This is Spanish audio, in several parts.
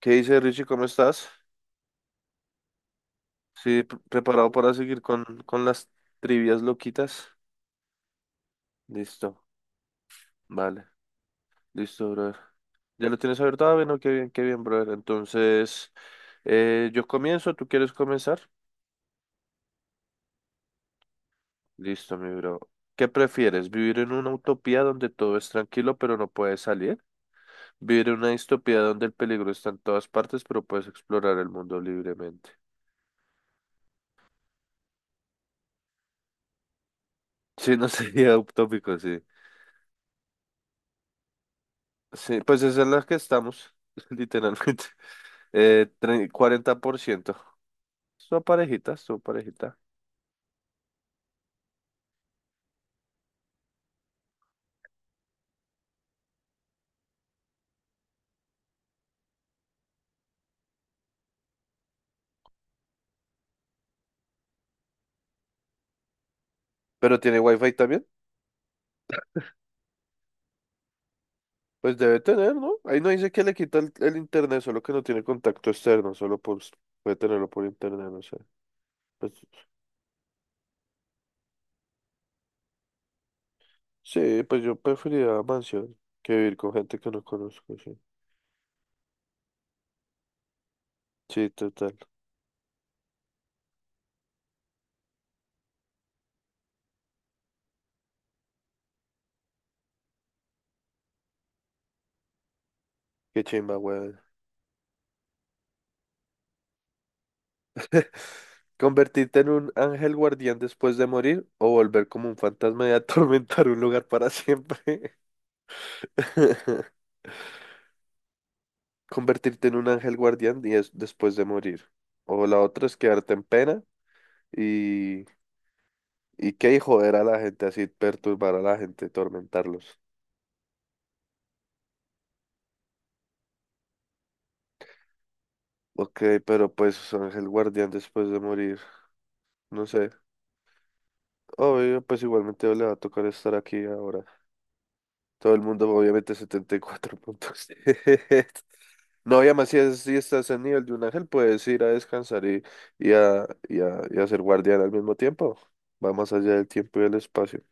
¿Qué dice Richie? ¿Cómo estás? Sí, preparado para seguir con las trivias loquitas. Listo, vale, listo, brother. ¿Ya lo tienes abierto? Ah, bueno, qué bien, brother. Entonces, yo comienzo, ¿tú quieres comenzar? Listo, mi bro. ¿Qué prefieres? ¿Vivir en una utopía donde todo es tranquilo pero no puedes salir? ¿Vivir en una distopía donde el peligro está en todas partes pero puedes explorar el mundo libremente? Sí, no sería utópico, sí. Sí, pues esa es la que estamos, literalmente. 40%. Su parejita, su parejita. ¿Pero tiene wifi también? Pues debe tener, ¿no? Ahí no dice que le quita el internet, solo que no tiene contacto externo, solo por, puede tenerlo por internet, no sé. Pues, sí, pues yo preferiría mansión que vivir con gente que no conozco, sí. Sí, total. Qué chimba, weón. ¿Convertirte en un ángel guardián después de morir o volver como un fantasma y atormentar un lugar para siempre? Convertirte en un ángel guardián y es después de morir. O la otra es quedarte en pena y, y qué y joder a la gente así, perturbar a la gente, tormentarlos. Ok, pero pues ángel guardián después de morir, no sé. Obvio, pues igualmente le va a tocar estar aquí ahora. Todo el mundo, obviamente, 74 puntos. No, y además si estás en nivel de un ángel, puedes ir a descansar y a ser guardián al mismo tiempo. Va más allá del tiempo y del espacio.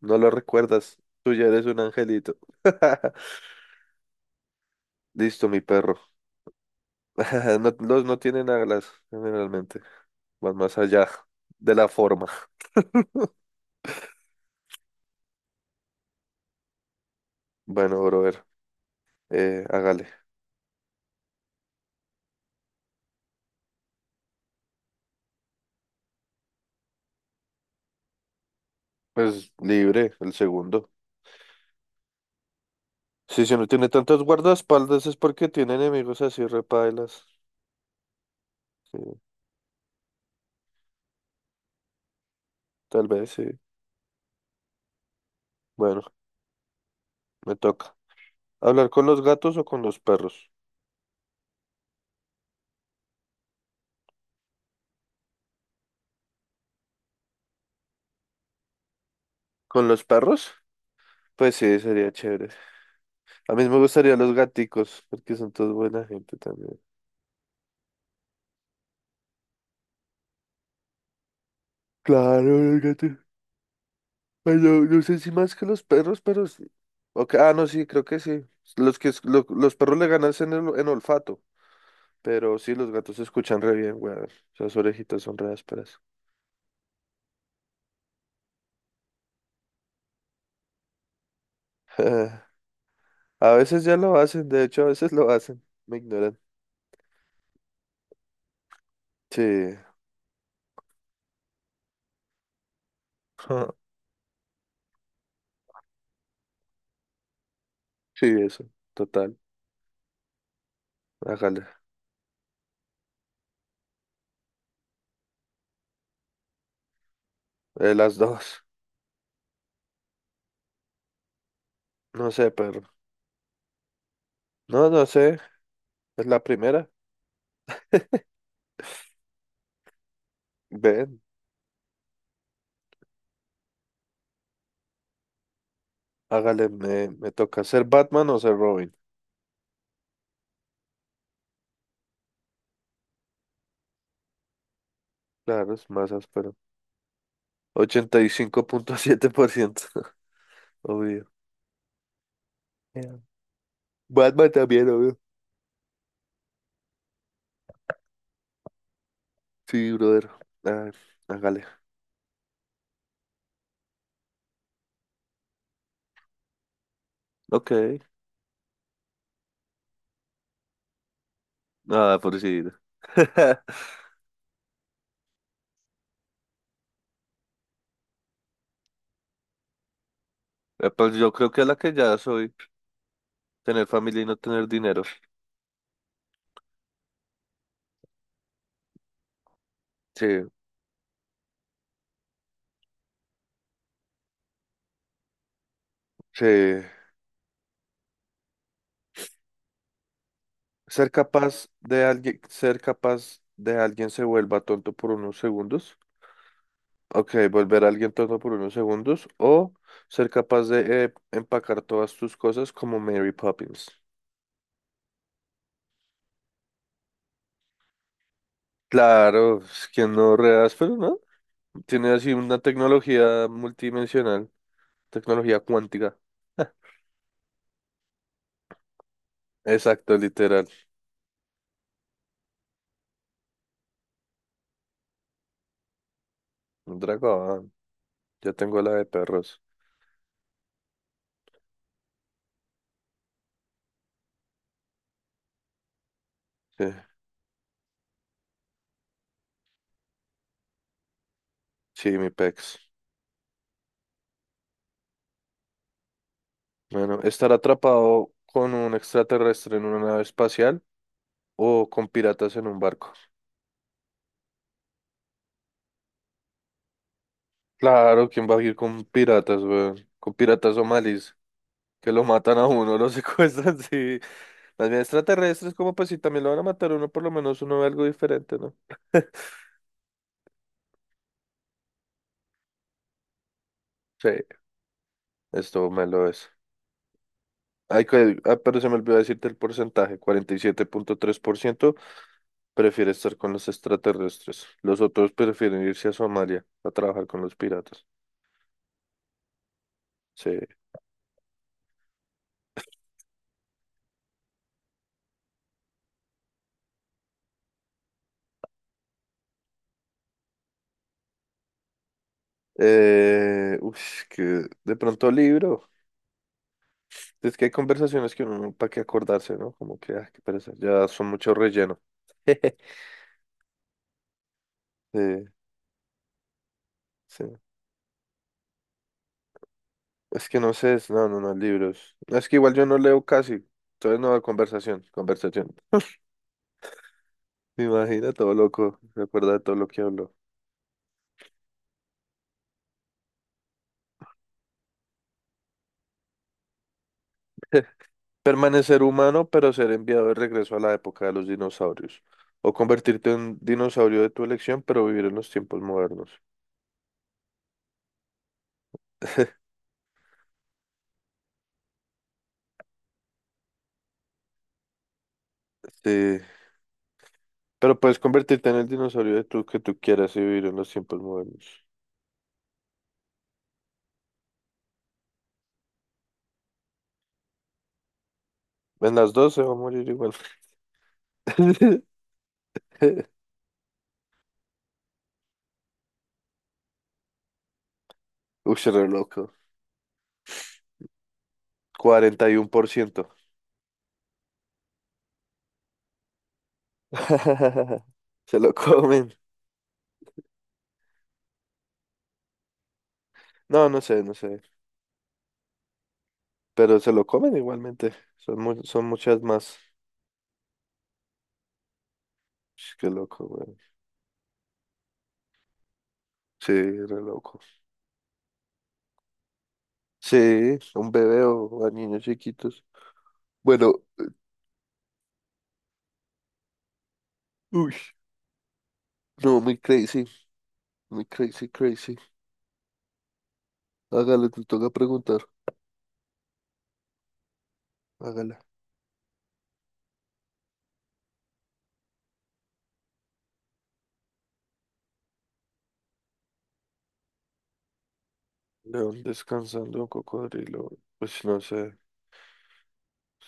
No lo recuerdas. Tú ya eres un angelito. Listo, mi perro. No, los no tienen alas, generalmente. Van más allá de la forma. Bueno, brother, hágale. Pues libre, el segundo. Sí, si no tiene tantos guardaespaldas es porque tiene enemigos así repailas. Sí, tal vez, sí. Bueno, me toca. ¿Hablar con los gatos o con los perros? ¿Con los perros? Pues sí, sería chévere. A mí me gustaría los gaticos, porque son todos buena gente también. Claro, los gatos. Ay, no, no sé si más que los perros, pero sí. Ok, ah, no, sí, creo que sí. Los que los perros le ganan en olfato, pero sí, los gatos se escuchan re bien, weón. Esas orejitas son re ásperas. A veces ya lo hacen, de hecho, a veces lo hacen. Me ignoran. Sí. Sí, eso. Total. Hágale. Las dos. No sé, perro. No, no sé. Es la primera. Ven. Hágale. Me toca ser Batman o ser Robin. Claro, es más áspero. 85,7%. Obvio. Yeah. Batman también, obvio. Sí, brother. Ah, hágale. Ok. Nada, por si. Pues yo creo que es la que ya soy. Tener familia y no tener dinero. Sí, sí. Ser capaz de alguien, ser capaz de alguien se vuelva tonto por unos segundos. Ok, volver a alguien tonto por unos segundos. O ser capaz de empacar todas tus cosas como Mary Poppins. Claro, es que no reas, pero no. Tiene así una tecnología multidimensional, tecnología cuántica. Exacto, literal. Un dragón. Ya tengo la de perros. Sí, sí, mi pex. Bueno, estar atrapado con un extraterrestre en una nave espacial o con piratas en un barco. Claro, ¿quién va a ir con piratas, weón? Con piratas somalíes, que lo matan a uno, lo secuestran, sí. Más bien extraterrestres, como pues si también lo van a matar a uno, por lo menos uno ve algo diferente, ¿no? Sí, esto me lo es. Ay, ah, pero se me olvidó decirte el porcentaje. 47,3% prefiere estar con los extraterrestres. Los otros prefieren irse a Somalia a trabajar con los piratas. Sí. Uff, que de pronto libro. Es que hay conversaciones que uno, para qué acordarse, ¿no? Como que, ah, qué pereza, ya son mucho relleno. Sí, sí. Es que no sé, no, no, no, libros. Es que igual yo no leo casi. Entonces no, conversación, conversación. Me imagina todo loco, recuerda de todo lo que habló. Permanecer humano, pero ser enviado de regreso a la época de los dinosaurios. O convertirte en un dinosaurio de tu elección, pero vivir en los tiempos modernos. Sí. Pero puedes convertirte en el dinosaurio de tu, que tú quieras y vivir en los tiempos modernos. En las dos se va a morir igual. Uy, se re loco. 41%. Se lo comen. No, no sé, no sé. Pero se lo comen igualmente. Son muchas más. Sh, qué loco, güey. Sí, re loco. Sí, un bebé o a niños chiquitos. Bueno, uy, no, muy crazy, crazy. Hágale, te toca preguntar. Hágala. León descansando, un cocodrilo. Pues no sé.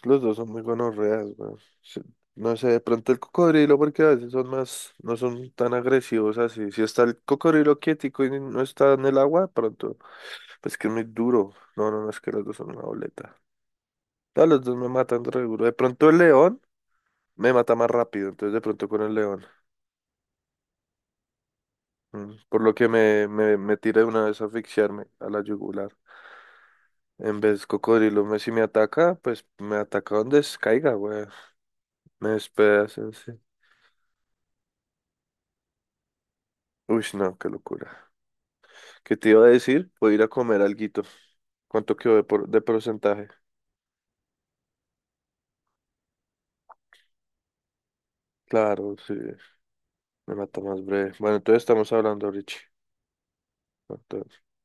Los dos son muy gonorreas, weón. Sí, no sé, de pronto el cocodrilo, porque a veces son más, no son tan agresivos así. Si está el cocodrilo quietico y no está en el agua, de pronto, pues que es muy duro. No, no, no, es que los dos son una boleta. No, los dos me matan re duro. De pronto el león, me mata más rápido, entonces de pronto con el león. Por lo que me tira de una vez a asfixiarme a la yugular. En vez cocodrilo, si me ataca, pues me ataca donde caiga, güey. Me despedaza, sí. Uy, no, qué locura. ¿Qué te iba a decir? Voy a ir a comer alguito. ¿Cuánto quedó de porcentaje? Claro, sí, me mata más breve. Bueno, entonces estamos hablando, Richie. Entonces-